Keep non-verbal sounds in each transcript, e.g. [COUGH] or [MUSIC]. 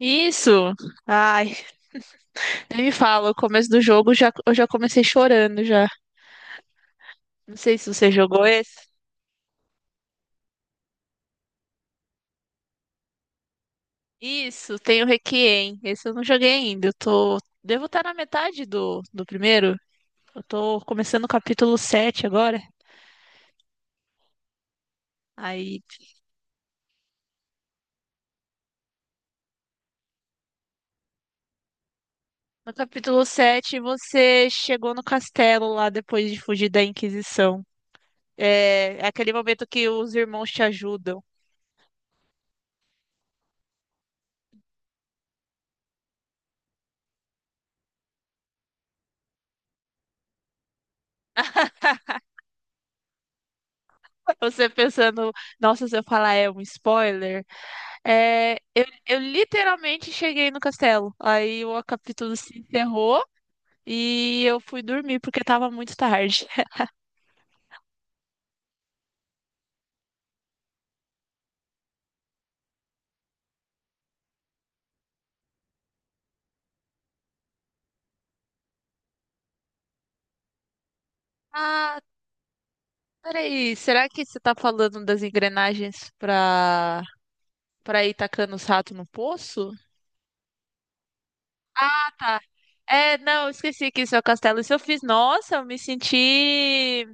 Isso! Ai, nem me fala, o começo do jogo já, eu já comecei chorando já. Não sei se você jogou esse. Isso, tem o Requiem. Esse eu não joguei ainda. Eu tô. Devo estar na metade do primeiro. Eu tô começando o capítulo 7 agora. Aí, no capítulo 7 você chegou no castelo lá depois de fugir da Inquisição. É aquele momento que os irmãos te ajudam. [LAUGHS] Você pensando, nossa, se eu falar é um spoiler. É, eu literalmente cheguei no castelo. Aí o capítulo se encerrou e eu fui dormir porque tava muito tarde. Ah, peraí, será que você tá falando das engrenagens pra ir tacando os ratos no poço? Ah, tá. É, não, eu esqueci que isso é o castelo. Isso eu fiz. Nossa, eu me senti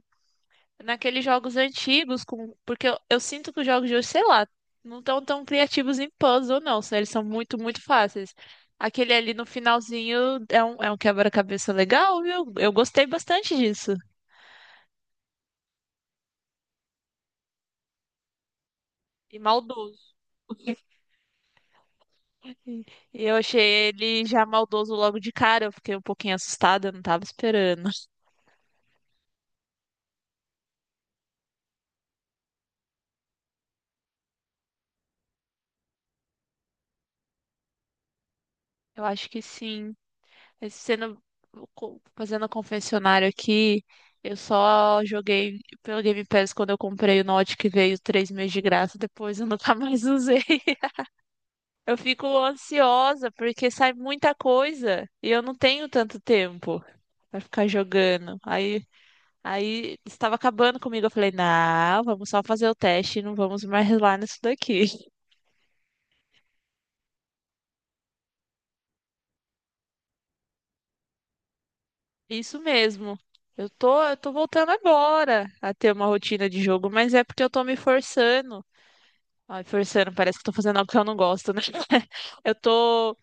naqueles jogos antigos, com... porque eu sinto que os jogos de hoje, sei lá, não estão tão criativos em puzzle, não, sabe? Eles são muito, muito fáceis. Aquele ali no finalzinho é um quebra-cabeça legal, viu? Eu gostei bastante disso. E maldoso. E e eu achei ele já maldoso logo de cara, eu fiquei um pouquinho assustada, eu não tava esperando. Eu acho que sim. Esse Sendo, fazendo a confessionário aqui, eu só joguei pelo Game Pass quando eu comprei o Note que veio 3 meses de graça, [LAUGHS] depois eu nunca [LAUGHS] mais usei. Eu fico ansiosa porque sai muita coisa e eu não tenho tanto tempo pra ficar jogando. Aí, aí estava acabando comigo, eu falei, não, vamos só fazer o teste e não vamos mais lá nisso daqui. [LAUGHS] Isso mesmo. Eu tô voltando agora a ter uma rotina de jogo, mas é porque eu tô me forçando. Ai, forçando, parece que eu tô fazendo algo que eu não gosto, né? [LAUGHS] Eu tô,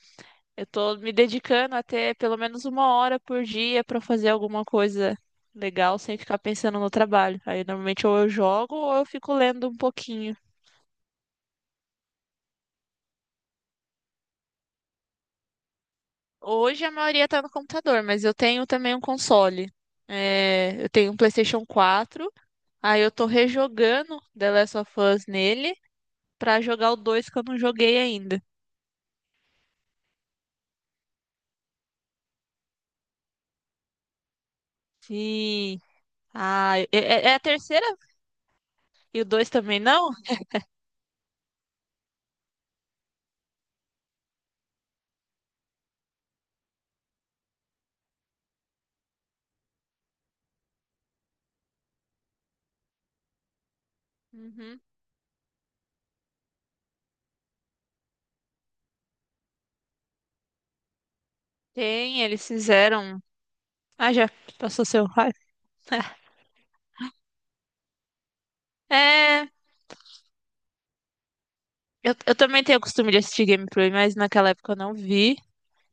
eu tô me dedicando a ter pelo menos 1 hora por dia pra fazer alguma coisa legal sem ficar pensando no trabalho. Aí normalmente ou eu jogo ou eu fico lendo um pouquinho. Hoje a maioria tá no computador, mas eu tenho também um console. É, eu tenho um PlayStation 4. Aí eu tô rejogando The Last of Us nele pra jogar o 2 que eu não joguei ainda. Sim. Ah, é, é a terceira e o 2 também não? Uhum. Tem, eles fizeram. Ah, já passou seu raio. [LAUGHS] É, eu também tenho o costume de assistir gameplay, mas naquela época eu não vi.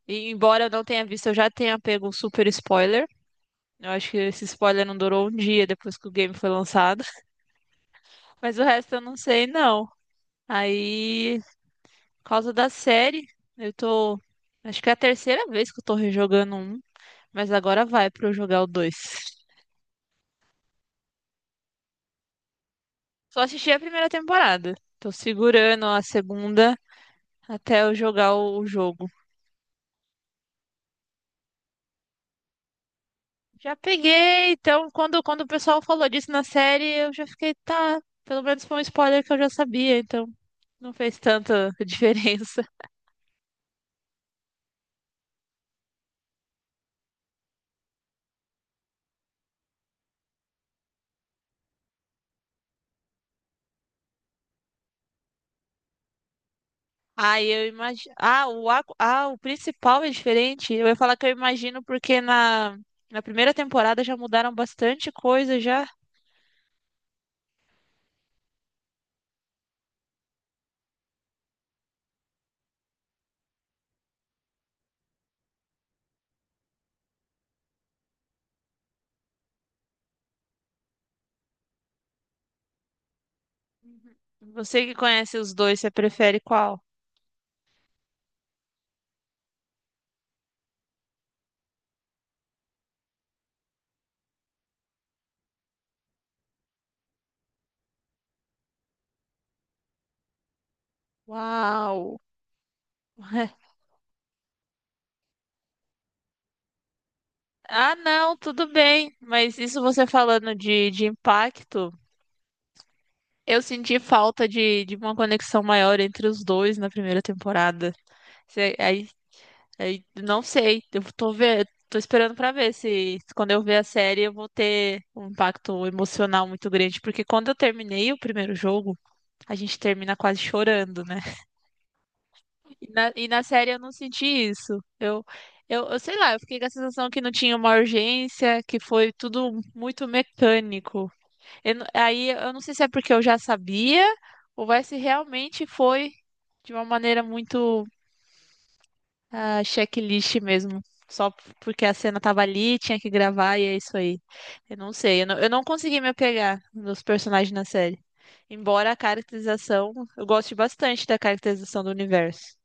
E embora eu não tenha visto, eu já tenha pego um super spoiler. Eu acho que esse spoiler não durou um dia depois que o game foi lançado. [LAUGHS] Mas o resto eu não sei, não. Aí, por causa da série, eu tô. Acho que é a terceira vez que eu tô rejogando um. Mas agora vai pra eu jogar o dois. Só assisti a primeira temporada. Tô segurando a segunda até eu jogar o jogo. Já peguei, então quando, quando o pessoal falou disso na série, eu já fiquei, tá, pelo menos foi um spoiler que eu já sabia, então não fez tanta [LAUGHS] diferença. Ah, eu imagino. Ah, o ah, o principal é diferente. Eu ia falar que eu imagino porque na na primeira temporada já mudaram bastante coisa já. Você que conhece os dois, você prefere qual? Uau. [LAUGHS] Ah, não, tudo bem, mas isso você falando de impacto. Eu senti falta de uma conexão maior entre os dois na primeira temporada. Aí, aí, não sei, tô esperando pra ver se, se quando eu ver a série eu vou ter um impacto emocional muito grande, porque quando eu terminei o primeiro jogo, a gente termina quase chorando, né? E na série eu não senti isso. Eu sei lá, eu fiquei com a sensação que não tinha uma urgência, que foi tudo muito mecânico. Eu não- Aí eu não sei se é porque eu já sabia ou é se realmente foi de uma maneira muito checklist mesmo. Porque a cena tava ali, tinha que gravar e é isso aí. Eu não sei, eu não consegui me apegar nos personagens na série. Embora a caracterização, eu goste bastante da caracterização do universo.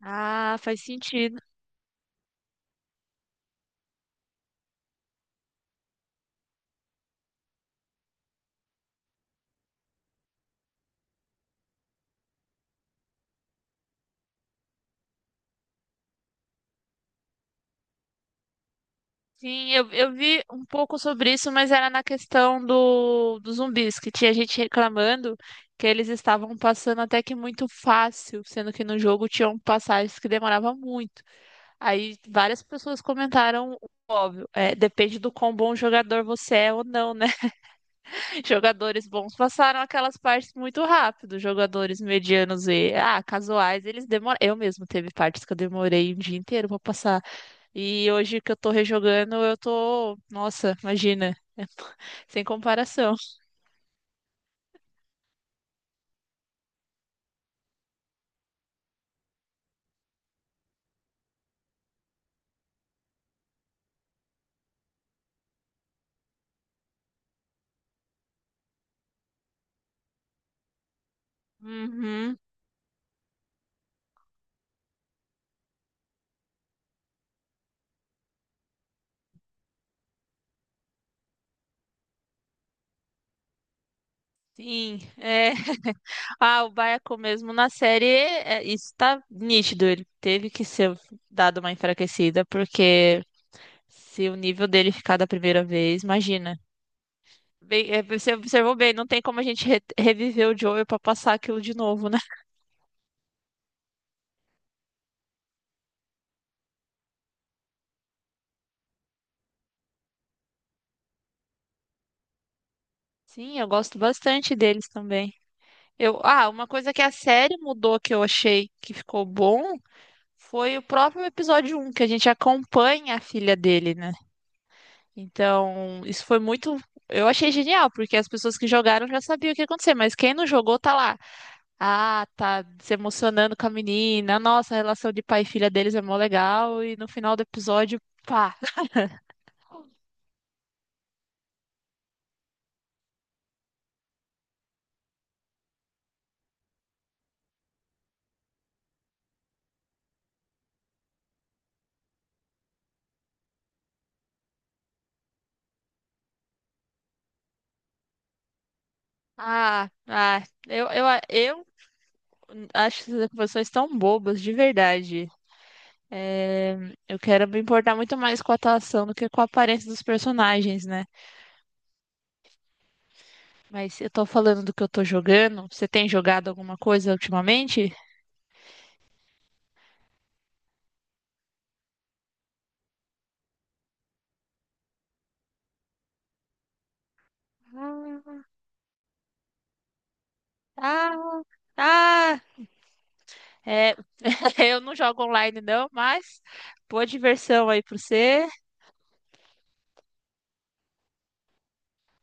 Ah, faz sentido. Sim, eu vi um pouco sobre isso, mas era na questão dos zumbis, que tinha gente reclamando que eles estavam passando até que muito fácil, sendo que no jogo tinham passagens que demoravam muito. Aí várias pessoas comentaram, o óbvio, é, depende do quão bom jogador você é ou não, né? [LAUGHS] Jogadores bons passaram aquelas partes muito rápido, jogadores medianos e casuais, eles demoram. Eu mesmo teve partes que eu demorei um dia inteiro pra passar. E hoje que eu tô rejogando, eu tô. Nossa, imagina, sem comparação. Uhum, sim, é. [LAUGHS] Ah, o Baiacu mesmo na série, é, isso tá nítido. Ele teve que ser dado uma enfraquecida, porque se o nível dele ficar da primeira vez, imagina. Bem, é, você observou bem, não tem como a gente reviver o Joel pra passar aquilo de novo, né? Sim, eu gosto bastante deles também. Eu, ah, uma coisa que a série mudou que eu achei que ficou bom foi o próprio episódio 1 que a gente acompanha a filha dele, né? Então, isso foi muito. Eu achei genial, porque as pessoas que jogaram já sabiam o que ia acontecer, mas quem não jogou tá lá. Ah, tá se emocionando com a menina. Nossa, a relação de pai e filha deles é mó legal. E no final do episódio, pá. Ah, eu, eu, eu acho essas pessoas tão bobas, de verdade. É, eu quero me importar muito mais com a atuação do que com a aparência dos personagens, né? Mas eu tô falando do que eu tô jogando. Você tem jogado alguma coisa ultimamente? Ah, ah, ah. É, [LAUGHS] eu não jogo online não, mas boa diversão aí pra você.